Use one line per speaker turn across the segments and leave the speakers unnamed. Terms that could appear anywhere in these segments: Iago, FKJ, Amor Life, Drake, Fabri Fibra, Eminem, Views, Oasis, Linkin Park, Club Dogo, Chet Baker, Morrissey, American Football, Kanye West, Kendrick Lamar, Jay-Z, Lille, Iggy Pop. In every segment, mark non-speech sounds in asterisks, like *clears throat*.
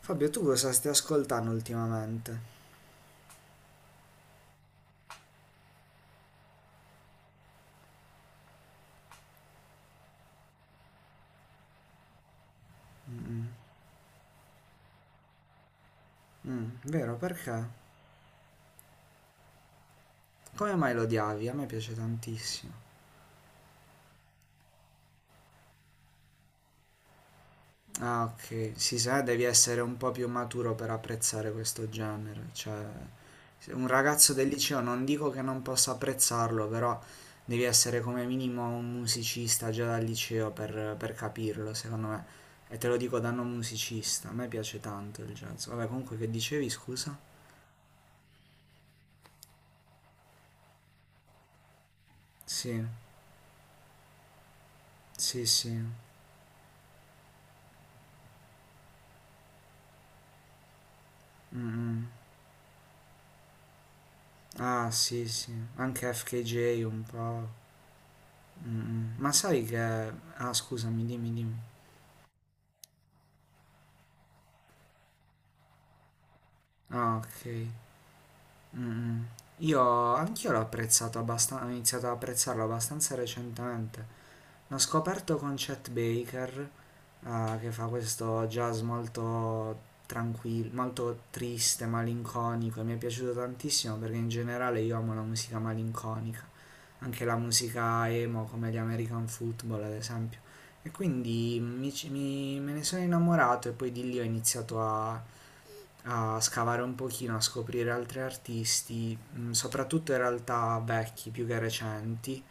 Fabio, tu cosa stai ascoltando ultimamente? Mm, vero, perché? Come mai lo odiavi? A me piace tantissimo. Ah, ok. Si sa, devi essere un po' più maturo per apprezzare questo genere. Cioè, se un ragazzo del liceo non dico che non possa apprezzarlo, però devi essere come minimo un musicista già dal liceo per capirlo, secondo me. E te lo dico da non musicista, a me piace tanto il jazz. Vabbè, comunque che dicevi, scusa? Sì, sì, sì. Ah sì, sì, anche FKJ un po'. Mm, mm. Ma sai che... Ah scusami, dimmi, dimmi. Ah ok. Mm, mm. Io Anch'io l'ho apprezzato abbastanza, ho iniziato ad apprezzarlo abbastanza recentemente. L'ho scoperto con Chet Baker, che fa questo jazz molto tranquillo, molto triste, malinconico, e mi è piaciuto tantissimo perché in generale io amo la musica malinconica, anche la musica emo come gli American Football ad esempio. E quindi me ne sono innamorato e poi di lì ho iniziato a scavare un pochino, a scoprire altri artisti, soprattutto in realtà vecchi più che recenti.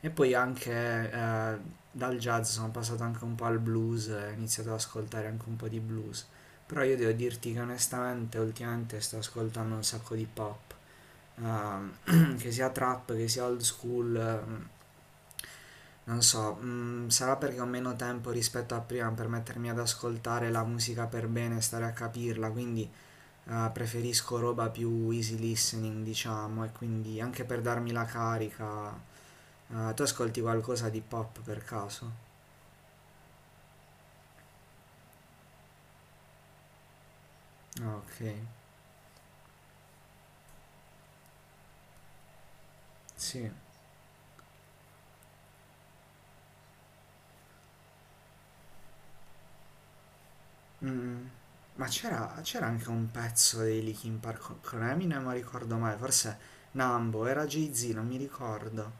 E poi anche dal jazz sono passato anche un po' al blues, e ho iniziato ad ascoltare anche un po' di blues. Però io devo dirti che onestamente ultimamente sto ascoltando un sacco di pop, *clears throat* che sia trap, che sia old school, non so, sarà perché ho meno tempo rispetto a prima per mettermi ad ascoltare la musica per bene e stare a capirla, quindi preferisco roba più easy listening, diciamo, e quindi anche per darmi la carica. Ah, tu ascolti qualcosa di pop per caso? Ah, ok, sì. Mm. Ma c'era anche un pezzo dei Linkin Park con Eminem, non ricordo mai, forse Nambo, era Jay-Z, non mi ricordo.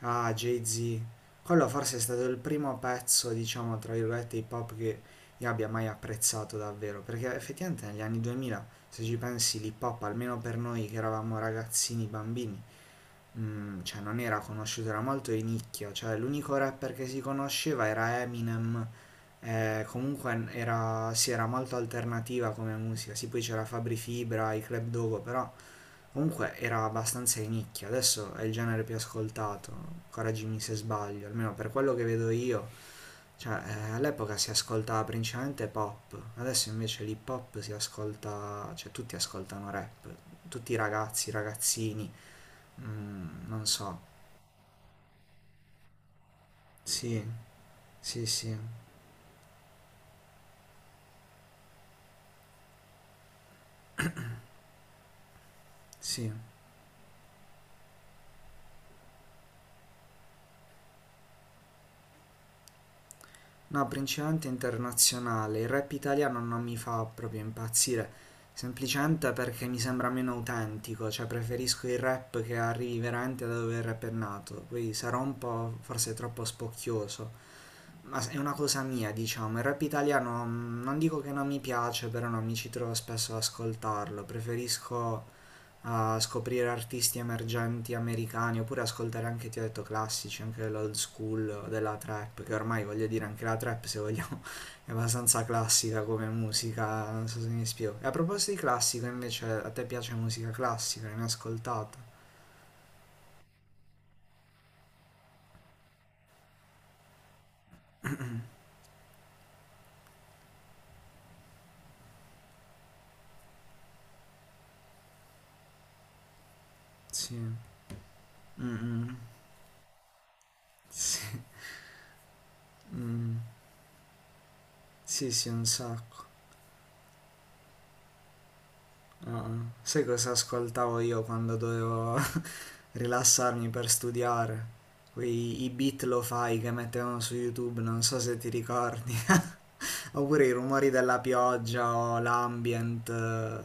Ah, Jay-Z. Quello forse è stato il primo pezzo, diciamo, tra virgolette, hip hop che io abbia mai apprezzato davvero, perché effettivamente negli anni 2000, se ci pensi, l'hip hop, almeno per noi che eravamo ragazzini, bambini, cioè non era conosciuto, era molto di nicchia, cioè l'unico rapper che si conosceva era Eminem, comunque era, sì, era molto alternativa come musica, sì poi c'era Fabri Fibra, i Club Dogo, però comunque era abbastanza di nicchia, adesso è il genere più ascoltato, correggimi se sbaglio, almeno per quello che vedo io, cioè all'epoca si ascoltava principalmente pop, adesso invece l'hip hop si ascolta, cioè tutti ascoltano rap, tutti i ragazzi, i ragazzini, non so. Sì, sì, sì, sì. No, principalmente internazionale. Il rap italiano non mi fa proprio impazzire, semplicemente perché mi sembra meno autentico, cioè preferisco il rap che arrivi veramente da dove il rap è nato. Poi sarò un po' forse troppo spocchioso, ma è una cosa mia, diciamo. Il rap italiano non dico che non mi piace, però non mi ci trovo spesso ad ascoltarlo. Preferisco a scoprire artisti emergenti americani oppure ascoltare anche, ti ho detto, classici, anche dell'old school, della trap, che ormai voglio dire anche la trap, se vogliamo, *laughs* è abbastanza classica come musica, non so se mi spiego. E a proposito di classico, invece, a te piace musica classica, ne hai ascoltata? Sì. Mm, mm. Sì, mm. Sì, sì, un sacco. Ah, sai cosa ascoltavo io quando dovevo *laughs* rilassarmi per studiare? I beat lo-fi che mettevano su YouTube, non so se ti ricordi. *laughs* Oppure i rumori della pioggia o l'ambient.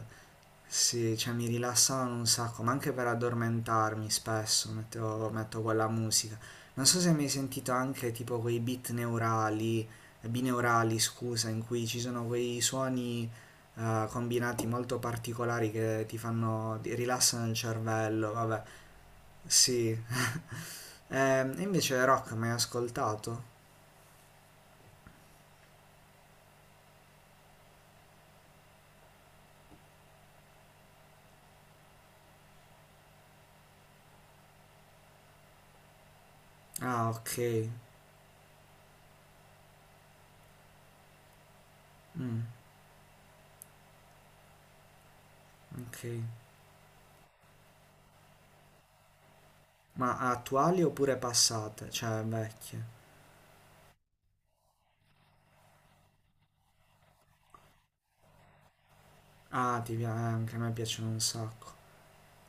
Sì, cioè mi rilassavano un sacco, ma anche per addormentarmi spesso mettevo, metto quella musica. Non so se hai mai sentito anche tipo quei beat neurali, bineurali, scusa, in cui ci sono quei suoni combinati molto particolari che ti rilassano il cervello, vabbè. Sì. *laughs* Invece rock mai ascoltato? Ah, ok, ok. Ma attuali oppure passate? Cioè vecchie. Ah, ti piace. Anche a me piacciono un sacco.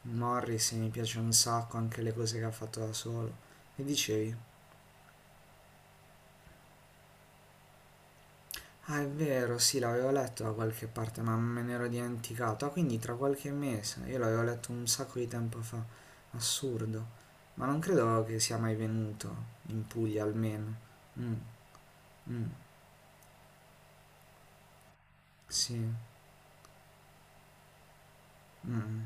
Morrissey mi piace un sacco, anche le cose che ha fatto da solo. Che dicevi? Ah, è vero, sì, l'avevo letto da qualche parte, ma me ne ero dimenticato. Ah, quindi tra qualche mese. Io l'avevo letto un sacco di tempo fa. Assurdo. Ma non credo che sia mai venuto, in Puglia almeno. Mm, mm, sì, mm,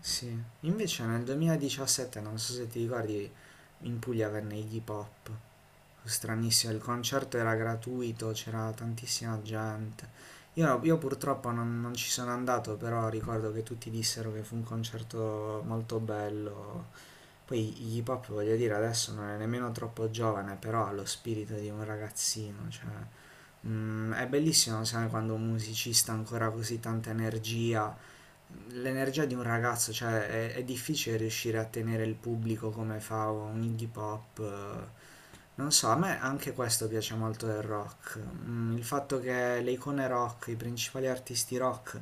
sì. Invece nel 2017, non so se ti ricordi, in Puglia venne Iggy Pop. Stranissimo, il concerto era gratuito, c'era tantissima gente. Io, no, io purtroppo non ci sono andato, però ricordo che tutti dissero che fu un concerto molto bello. Poi Iggy Pop, voglio dire, adesso non è nemmeno troppo giovane, però ha lo spirito di un ragazzino, cioè, è bellissimo, sai, quando un musicista ha ancora così tanta energia, l'energia di un ragazzo, cioè, è difficile riuscire a tenere il pubblico come fa un Iggy Pop, non so, a me anche questo piace molto del rock. Il fatto che le icone rock, i principali artisti rock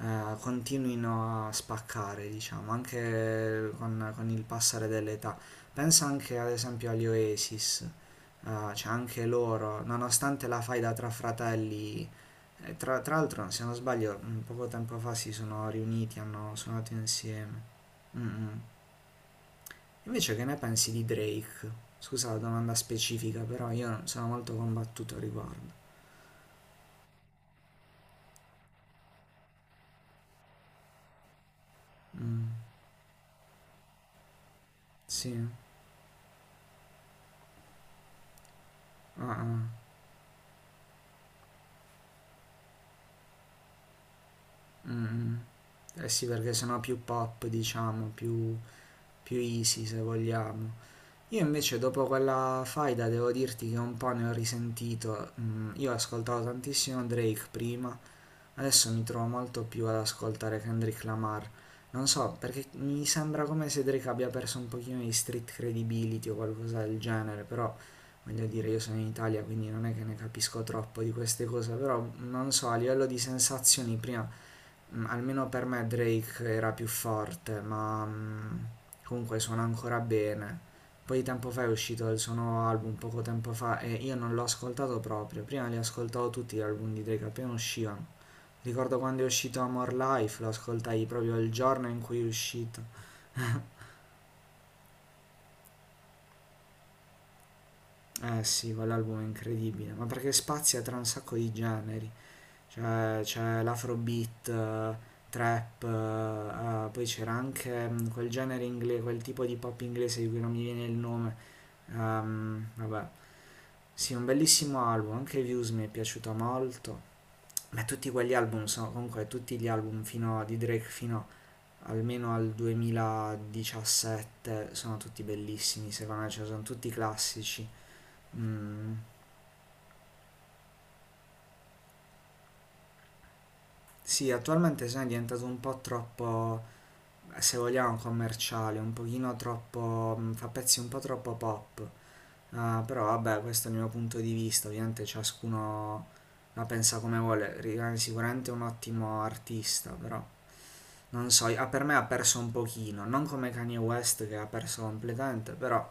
continuino a spaccare, diciamo, anche con il passare dell'età. Pensa anche ad esempio agli Oasis, cioè anche loro, nonostante la faida tra fratelli, tra l'altro se non sbaglio poco tempo fa si sono riuniti, hanno suonato insieme. Mm, mm. Invece che ne pensi di Drake? Scusa la domanda specifica, però io sono molto combattuto al riguardo. Mm, sì, ah, ah, mm, mm. Eh sì, perché sono più pop, diciamo, più, easy se vogliamo. Io invece dopo quella faida devo dirti che un po' ne ho risentito. Mm, io ascoltavo tantissimo Drake prima. Adesso mi trovo molto più ad ascoltare Kendrick Lamar. Non so, perché mi sembra come se Drake abbia perso un pochino di street credibility o qualcosa del genere, però voglio dire, io sono in Italia, quindi non è che ne capisco troppo di queste cose, però non so, a livello di sensazioni prima, almeno per me Drake era più forte, ma comunque suona ancora bene. Poi tempo fa è uscito il suo nuovo album, poco tempo fa, e io non l'ho ascoltato proprio, prima li ascoltavo tutti gli album di Drake appena uscivano. Ricordo quando è uscito Amor Life, lo ascoltai proprio il giorno in cui è uscito. Eh sì, quell'album è incredibile, ma perché spazia tra un sacco di generi. Cioè, c'è l'afrobeat, trap, poi c'era anche quel genere inglese, quel tipo di pop inglese di cui non mi viene il nome. Vabbè, sì, un bellissimo album, anche Views mi è piaciuto molto. Ma tutti quegli album sono comunque tutti gli album di Drake fino almeno al 2017 sono tutti bellissimi, secondo me, cioè sono tutti classici. Mm, sì, attualmente se ne è diventato un po' troppo, se vogliamo, commerciale, un pochino troppo, fa pezzi un po' troppo pop. Ah, però vabbè, questo è il mio punto di vista, ovviamente ciascuno la pensa come vuole, rimane sicuramente un ottimo artista, però non so, ah, per me ha perso un pochino, non come Kanye West che ha perso completamente, però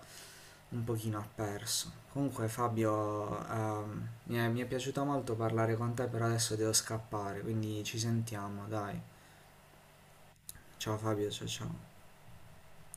un pochino ha perso. Comunque Fabio, mi è piaciuto molto parlare con te, però adesso devo scappare, quindi ci sentiamo, dai. Ciao Fabio, ciao ciao.